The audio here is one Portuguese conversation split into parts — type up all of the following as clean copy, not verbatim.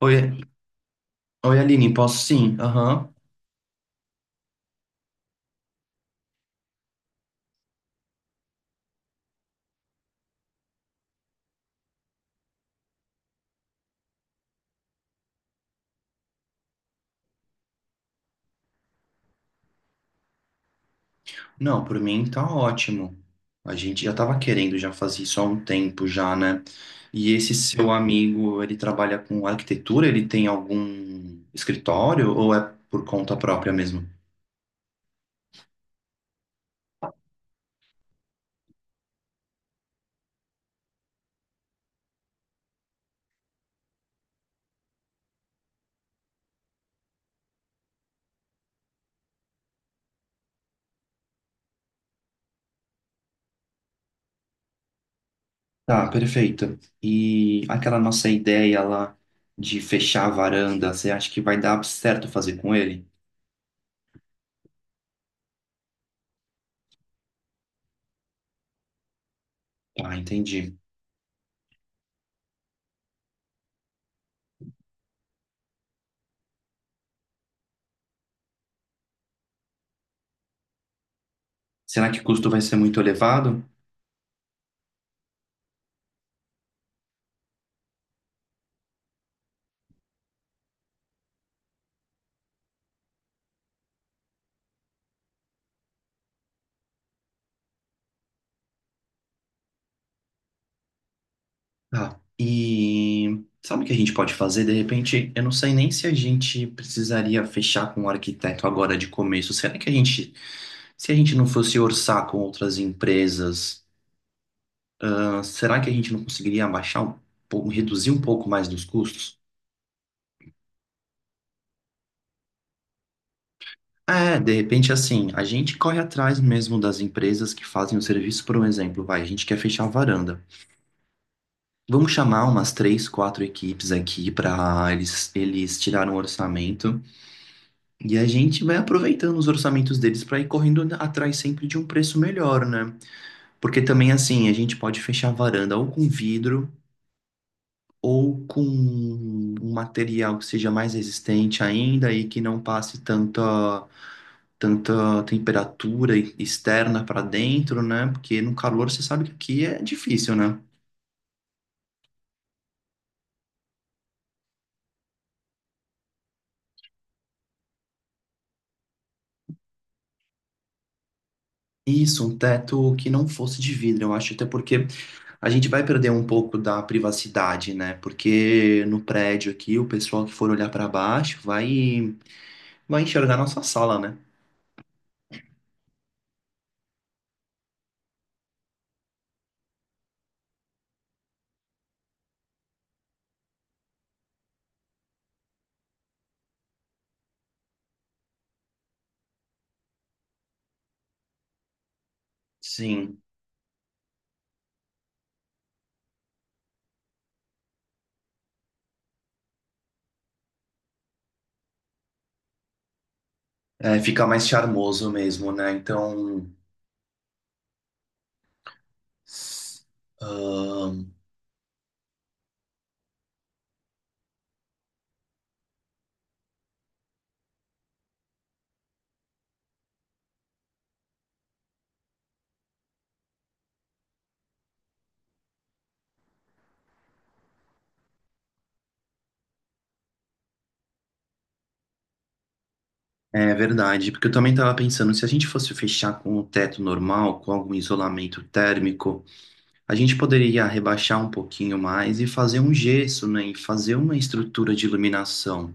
Oi, oi, Aline, posso sim? Aham. Não, por mim tá ótimo. A gente já tava querendo já fazer isso há um tempo já, né? E esse seu amigo, ele trabalha com arquitetura? Ele tem algum escritório ou é por conta própria mesmo? Tá, perfeito. E aquela nossa ideia lá de fechar a varanda, você acha que vai dar certo fazer com ele? Ah, entendi. Será que o custo vai ser muito elevado? Tá. E sabe o que a gente pode fazer? De repente, eu não sei nem se a gente precisaria fechar com o arquiteto agora de começo. Será que a gente, se a gente não fosse orçar com outras empresas, ah, será que a gente não conseguiria abaixar um pouco, reduzir um pouco mais dos custos? É, de repente, assim, a gente corre atrás mesmo das empresas que fazem o serviço, por um exemplo, vai, a gente quer fechar a varanda. Vamos chamar umas três, quatro equipes aqui para eles, eles tirarem um orçamento. E a gente vai aproveitando os orçamentos deles para ir correndo atrás sempre de um preço melhor, né? Porque também, assim, a gente pode fechar a varanda ou com vidro ou com um material que seja mais resistente ainda e que não passe tanta, tanta temperatura externa para dentro, né? Porque no calor você sabe que aqui é difícil, né? Isso, um teto que não fosse de vidro, eu acho, até porque a gente vai perder um pouco da privacidade, né? Porque no prédio aqui, o pessoal que for olhar para baixo vai, vai enxergar nossa sala, né? Sim, é, fica mais charmoso mesmo, né? Então, ahn, é verdade. Porque eu também estava pensando, se a gente fosse fechar com o teto normal, com algum isolamento térmico, a gente poderia rebaixar um pouquinho mais e fazer um gesso, né? E fazer uma estrutura de iluminação.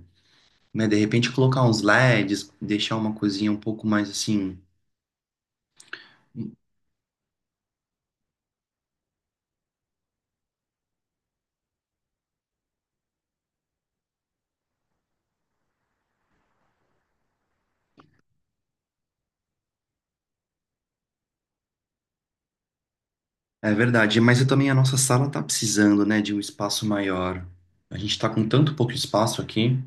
Né? De repente colocar uns LEDs, deixar uma coisinha um pouco mais assim. É verdade, mas eu também a nossa sala tá precisando, né, de um espaço maior. A gente tá com tanto pouco espaço aqui.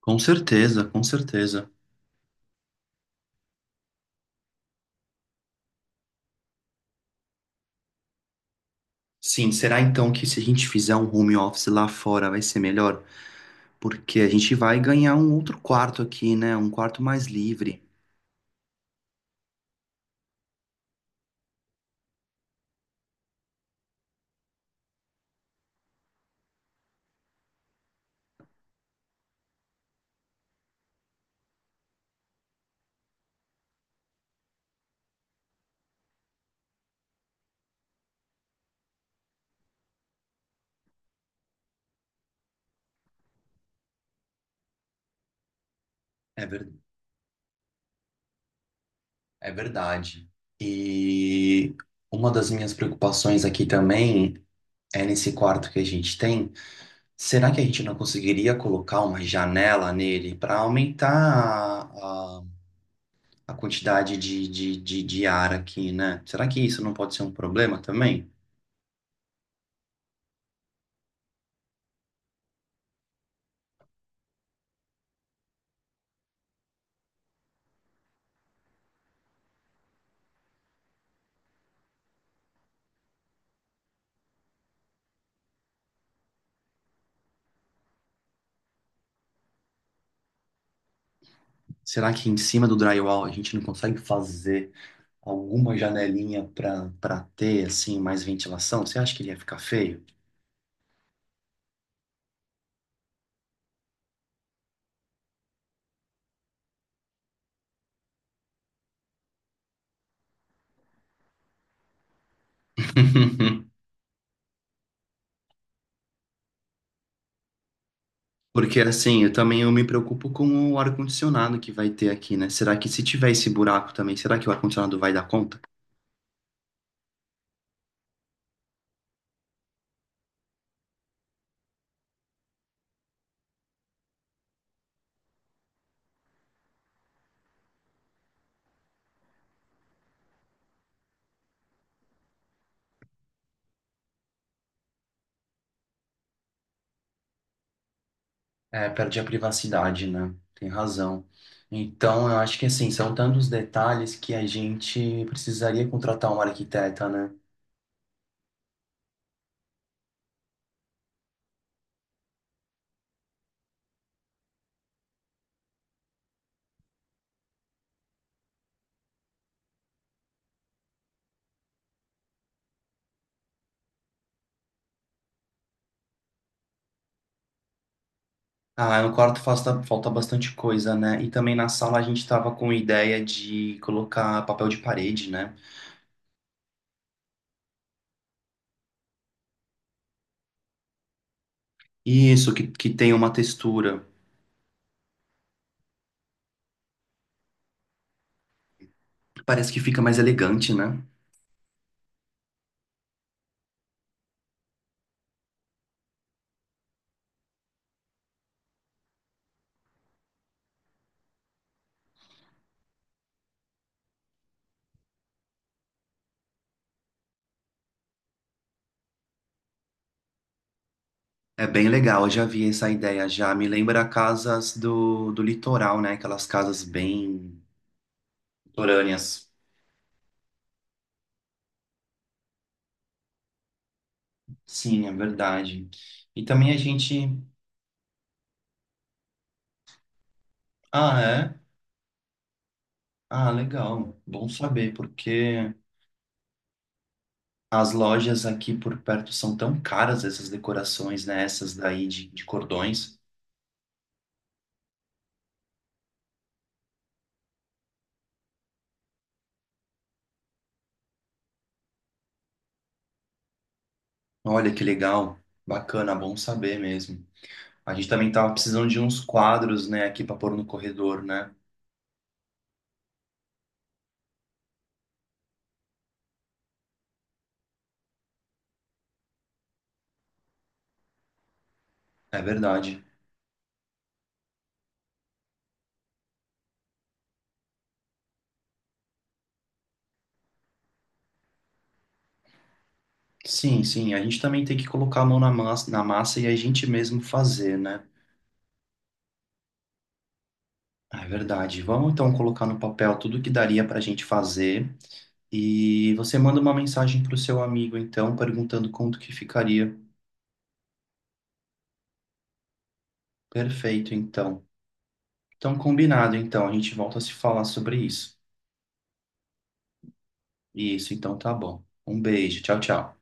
Com certeza, com certeza. Sim, será então que se a gente fizer um home office lá fora vai ser melhor? Porque a gente vai ganhar um outro quarto aqui, né? Um quarto mais livre. É ver- É verdade. E uma das minhas preocupações aqui também é nesse quarto que a gente tem. Será que a gente não conseguiria colocar uma janela nele para aumentar a, a, a quantidade de ar aqui, né? Será que isso não pode ser um problema também? Será que em cima do drywall a gente não consegue fazer alguma janelinha para ter assim mais ventilação? Você acha que ele ia ficar feio? Porque assim, eu também eu me preocupo com o ar-condicionado que vai ter aqui, né? Será que se tiver esse buraco também, será que o ar-condicionado vai dar conta? É, perde a privacidade, né? Tem razão. Então, eu acho que assim, são tantos detalhes que a gente precisaria contratar um arquiteta, né? Ah, no quarto falta bastante coisa, né? E também na sala a gente tava com ideia de colocar papel de parede, né? Isso, que tem uma textura. Parece que fica mais elegante, né? É bem legal, eu já vi essa ideia já. Me lembra casas do litoral, né? Aquelas casas bem litorâneas. Sim, é verdade. E também a gente. Ah, é? Ah, legal. Bom saber, porque as lojas aqui por perto são tão caras essas decorações, né? Essas daí de cordões. Olha que legal. Bacana, bom saber mesmo. A gente também tava precisando de uns quadros, né, aqui para pôr no corredor, né? É verdade. Sim, sim. A gente também tem que colocar a mão na massa e a gente mesmo fazer, né? É verdade. Vamos então colocar no papel tudo que daria para a gente fazer. E você manda uma mensagem para o seu amigo, então, perguntando quanto que ficaria. Perfeito, então. Então, combinado, então. A gente volta a se falar sobre isso. Isso, então tá bom. Um beijo. Tchau, tchau.